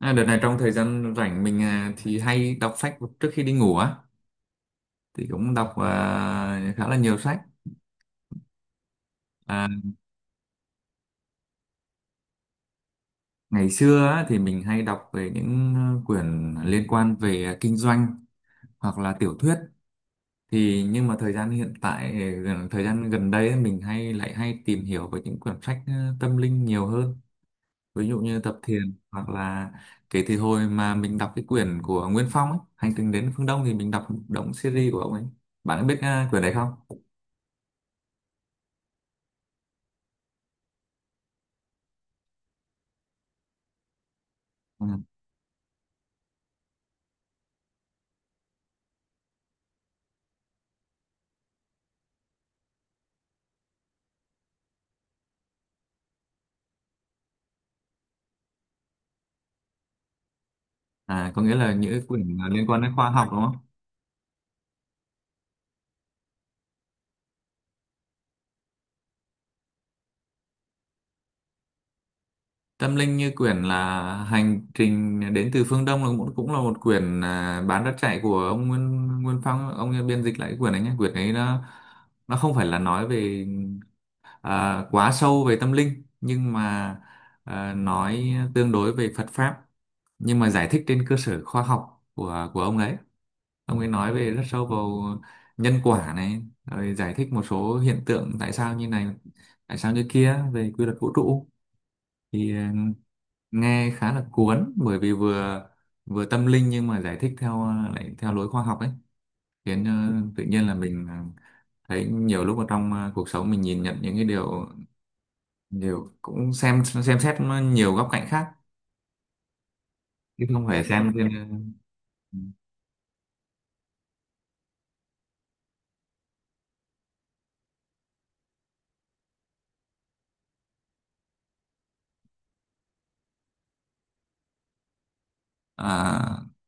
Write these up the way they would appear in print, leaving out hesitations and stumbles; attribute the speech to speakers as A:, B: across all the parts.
A: Đợt này trong thời gian rảnh mình thì hay đọc sách trước khi đi ngủ á, thì cũng đọc khá là nhiều sách. à, Ngày xưa á, thì mình hay đọc về những quyển liên quan về kinh doanh hoặc là tiểu thuyết. Nhưng mà thời gian hiện tại thời gian gần đây ấy, mình lại hay tìm hiểu về những quyển sách tâm linh nhiều hơn, ví dụ như Tập Thiền. Hoặc là kể từ hồi mà mình đọc cái quyển của Nguyên Phong ấy, Hành trình đến phương Đông, thì mình đọc động series của ông ấy. Bạn có biết quyển đấy không? À, có nghĩa là những quyển là liên quan đến khoa học đúng không? Tâm linh như quyển là Hành trình đến từ phương Đông là cũng cũng là một quyển bán rất chạy của ông Nguyên Nguyên Phong. Ông ấy biên dịch lại cái quyển ấy nhé. Quyển ấy nó không phải là nói về quá sâu về tâm linh, nhưng mà nói tương đối về Phật pháp, nhưng mà giải thích trên cơ sở khoa học của ông đấy. Ông ấy nói về rất sâu vào nhân quả này, rồi giải thích một số hiện tượng tại sao như này, tại sao như kia về quy luật vũ trụ. thì ờ, Nghe khá là cuốn bởi vì vừa vừa tâm linh nhưng mà giải thích theo lại theo lối khoa học ấy, khiến tự nhiên là mình thấy nhiều lúc ở trong cuộc sống mình nhìn nhận những cái điều điều cũng xem xét nó nhiều góc cạnh khác, chứ không phải xem trên ờ, À,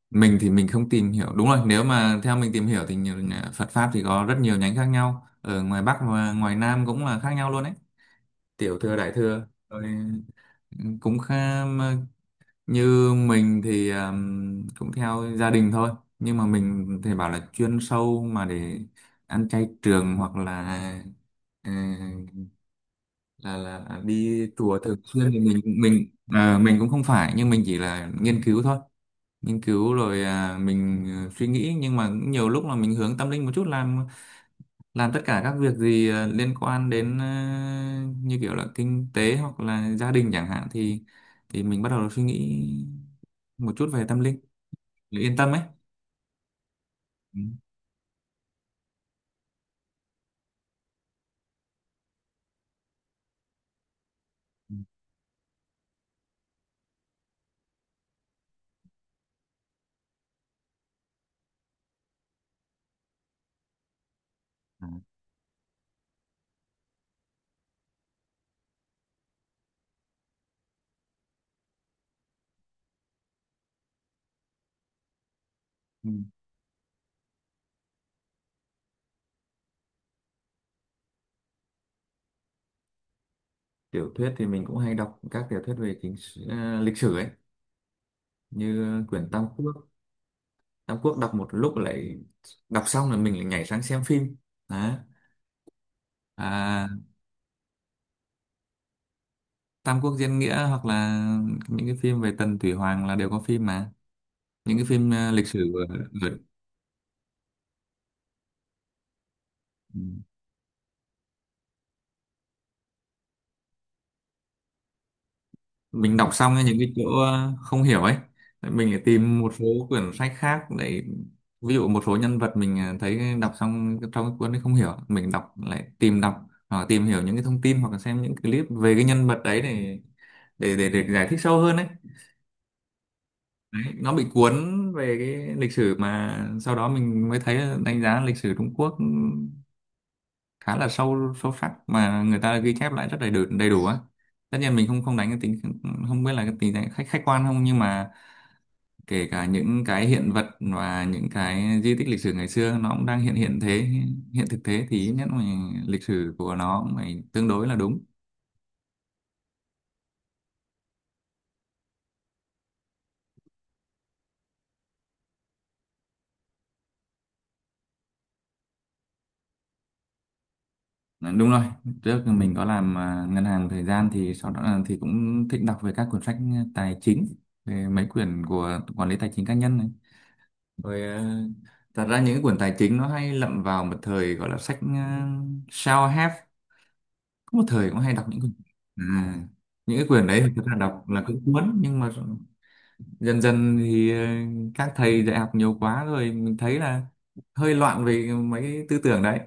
A: mình thì mình không tìm hiểu, đúng rồi, nếu mà theo mình tìm hiểu thì Phật pháp thì có rất nhiều nhánh khác nhau, ở ngoài Bắc và ngoài Nam cũng là khác nhau luôn đấy, tiểu thừa đại thừa rồi cũng khá. Như mình thì cũng theo gia đình thôi, nhưng mà mình thì bảo là chuyên sâu mà để ăn chay trường hoặc là ờ, là đi chùa thường xuyên thì mình cũng không phải, nhưng mình chỉ là nghiên cứu thôi. Nghiên cứu rồi mình suy nghĩ, nhưng mà cũng nhiều lúc là mình hướng tâm linh một chút, làm tất cả các việc gì liên quan đến như kiểu là kinh tế hoặc là gia đình chẳng hạn, thì mình bắt đầu suy nghĩ một chút về tâm linh để yên tâm ấy. Ừ. Ừ. À, ừ. Tiểu thuyết thì mình cũng hay đọc các tiểu thuyết về lịch sử ấy, như quyển Tam Quốc. Tam Quốc đọc một lúc, lại đọc xong là mình lại nhảy sang xem phim. Đó. À, Tam Quốc Diễn Nghĩa hoặc là những cái phim về Tần Thủy Hoàng là đều có phim mà. Ừ, những cái phim lịch sử ở, ở, mình đọc xong ấy, những cái chỗ không hiểu ấy, mình lại tìm một số quyển sách khác để ví dụ một số nhân vật mình thấy đọc xong trong cái cuốn ấy không hiểu, mình đọc lại tìm đọc hoặc là tìm hiểu những cái thông tin hoặc là xem những clip về cái nhân vật đấy, để để giải thích sâu hơn ấy. Đấy, nó bị cuốn về cái lịch sử, mà sau đó mình mới thấy là đánh giá lịch sử Trung Quốc ừ, khá là sâu sâu sắc mà người ta ghi chép lại rất đầy đủ á. Tất nhiên mình không không đánh cái tính, không biết là cái tính đánh khách khách quan không, nhưng mà kể cả những cái hiện vật và những cái di tích lịch sử ngày xưa nó cũng đang hiện hiện thế hiện thực thế, thì ít nhất mình lịch sử của nó phải tương đối là đúng. Ờ, đúng rồi, trước mình có làm ngân hàng một thời gian, thì sau đó là thì cũng thích đọc về các cuốn sách tài chính, về mấy quyển của quản lý tài chính cá nhân này. Rồi ờ, Thật ra những cái quyển tài chính nó hay lậm vào một thời, gọi là sách self help. Có một thời cũng hay đọc những quyển à, những cái quyển đấy thì thật ra đọc là cũng cuốn, nhưng mà dần dần thì các thầy dạy học nhiều quá rồi mình thấy là hơi loạn về mấy cái tư tưởng đấy.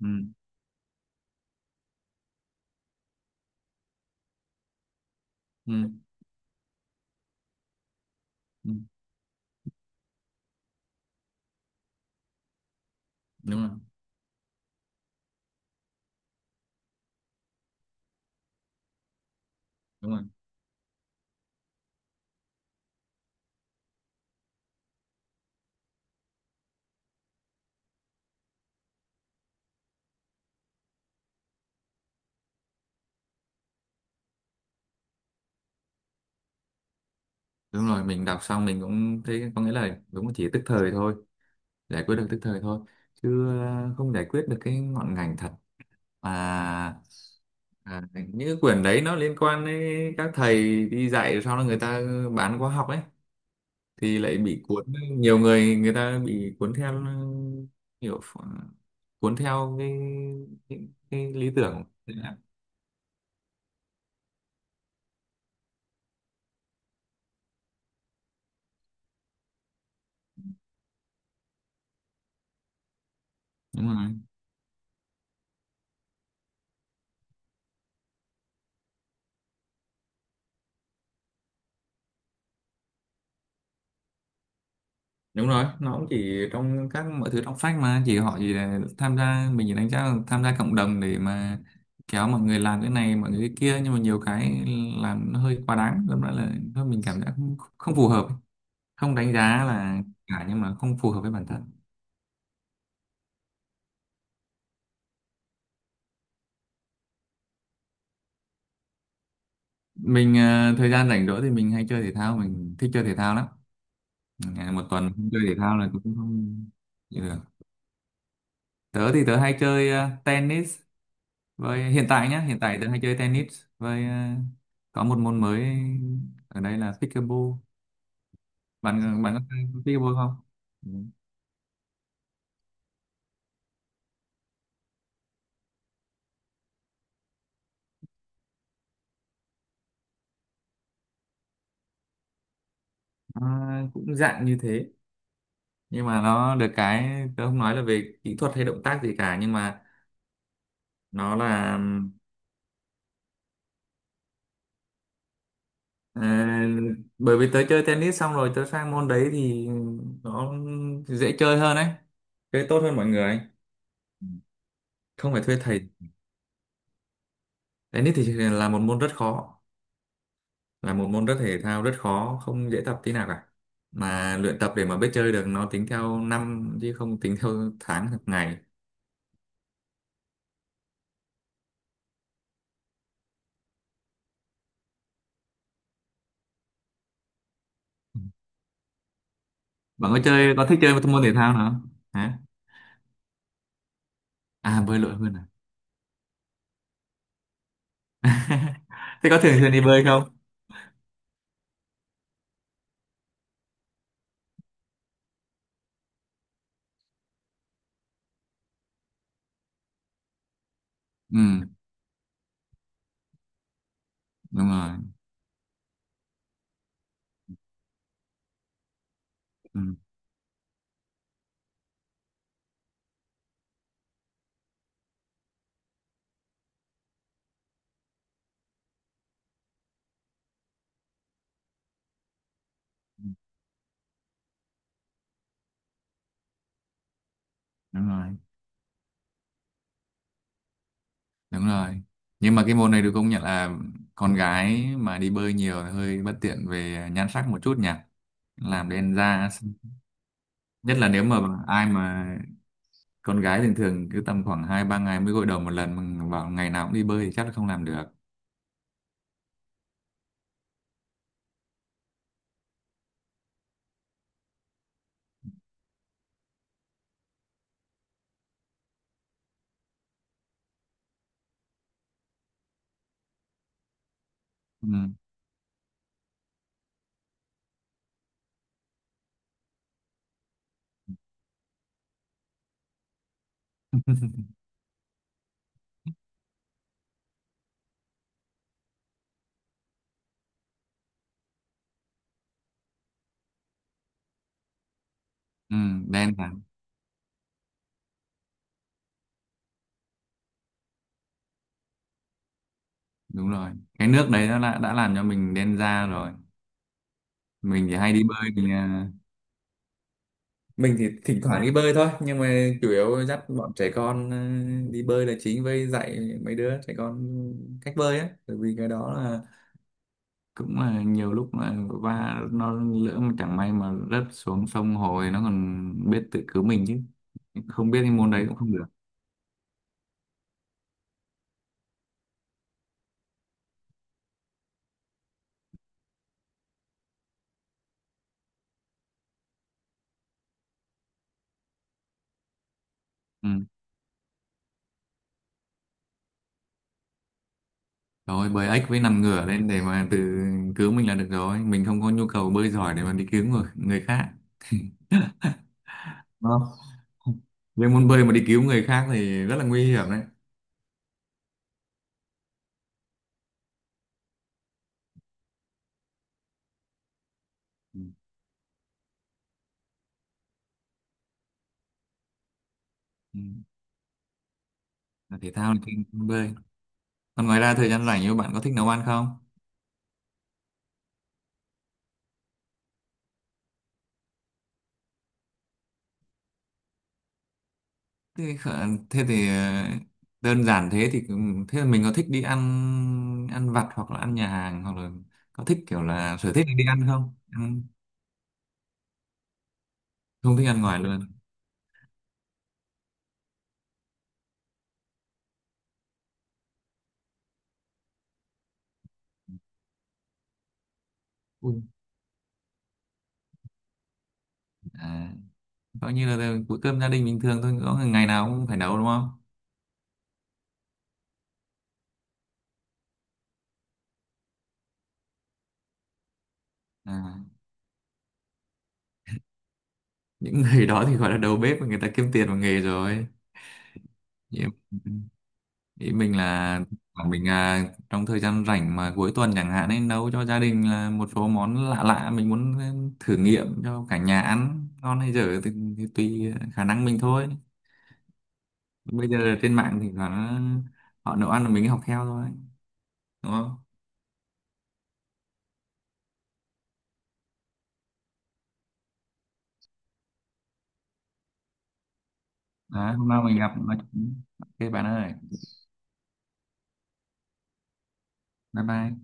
A: Ừ, ừ, ừ, đúng rồi. Đúng rồi. Đúng rồi, mình đọc xong mình cũng thấy, có nghĩa là đúng là chỉ tức thời thôi, giải quyết được tức thời thôi, chứ không giải quyết được cái ngọn ngành thật. à, À, những cái quyển đấy nó liên quan đến các thầy đi dạy, sau đó người ta bán khóa học ấy, thì lại bị cuốn. Nhiều người người ta bị cuốn theo, kiểu ph- cuốn theo cái, cái lý tưởng. Đúng rồi. Đúng rồi, nó cũng chỉ trong các, mọi thứ trong sách mà chỉ họ chỉ là tham gia, mình chỉ đánh giá là tham gia cộng đồng để mà kéo mọi người làm cái này, mọi người cái kia, nhưng mà nhiều cái làm nó hơi quá đáng, đâm ra là thôi mình cảm giác không, không phù hợp, không đánh giá là cả, nhưng mà không phù hợp với bản thân. Mình thời gian rảnh rỗi thì mình hay chơi thể thao, mình thích chơi thể thao lắm. Ngày một tuần không chơi thể thao là cũng không chịu được. Tớ thì tớ hay chơi tennis. Với hiện tại nhá, hiện tại tớ hay chơi tennis với có một môn mới ở đây là pickleball. Bạn bạn có chơi pickleball không? Ừ. Nó cũng dạng như thế, nhưng mà nó được cái, tớ không nói là về kỹ thuật hay động tác gì cả, nhưng mà nó là. À, bởi vì tớ chơi tennis xong rồi tớ sang môn đấy thì nó dễ chơi hơn ấy, chơi tốt hơn mọi người ấy. Không phải thuê thầy. Tennis thì là một môn rất khó, là một môn thể thao rất khó, không dễ tập tí nào cả, mà luyện tập để mà biết chơi được nó tính theo năm chứ không tính theo tháng hoặc ngày. Bạn có có thích chơi một môn thể thao nào không hả? À, bơi lội hơn à? Thế có thường xuyên đi bơi không? Ừ, đúng rồi. Ừ, đúng rồi. Đúng rồi, nhưng mà cái môn này được công nhận là con gái mà đi bơi nhiều thì hơi bất tiện về nhan sắc một chút nhỉ, làm đen da. Nhất là nếu mà ai mà con gái thường thường cứ tầm khoảng hai ba ngày mới gội đầu một lần, mà bảo ngày nào cũng đi bơi thì chắc là không làm được. Ừ. Ừ, đen hẳn. Đúng rồi, cái nước đấy nó đã làm cho mình đen da rồi. mình thì hay đi bơi thì à, mình thì thỉnh thoảng đi bơi thôi, nhưng mà chủ yếu dắt bọn trẻ con đi bơi là chính, với dạy mấy đứa trẻ con cách bơi á, bởi vì cái đó là cũng là nhiều lúc là nó lỡ mà chẳng may mà rớt xuống sông hồ thì nó còn biết tự cứu mình, chứ không biết cái môn đấy cũng không được. Ừ. Rồi bơi ếch với nằm ngửa lên để mà tự cứu mình là được rồi, mình không có nhu cầu bơi giỏi để mà đi cứu người khác đúng không? Nhưng môn bơi mà đi cứu người khác thì rất là nguy hiểm đấy. Ừ. Là thể thao thì bơi, còn ngoài ra thời gian rảnh, như bạn có thích nấu ăn không? Thế, khờ- thế thì ờ, Đơn giản thế thì thế là mình có thích đi ăn, ăn vặt hoặc là ăn nhà hàng, hoặc là có thích kiểu là sở thích đi ăn không, không thích ăn ngoài luôn? Ui. À, coi như là bữa cơm gia đình bình thường thôi, có ngày nào cũng phải nấu đúng không? À, những người đó thì gọi là đầu bếp, người ta kiếm tiền bằng nghề rồi. Nhiều. Ý mình là là mình à, trong thời gian rảnh mà cuối tuần chẳng hạn, nên nấu cho gia đình là một số món lạ lạ, mình muốn thử nghiệm cho cả nhà ăn, ngon hay dở thì tùy khả năng mình thôi. Bây giờ trên mạng thì là họ nấu ăn là mình học theo thôi, đúng không? Đó, hôm nào mình gặp nói chuyện. Ok bạn ơi, bye bye.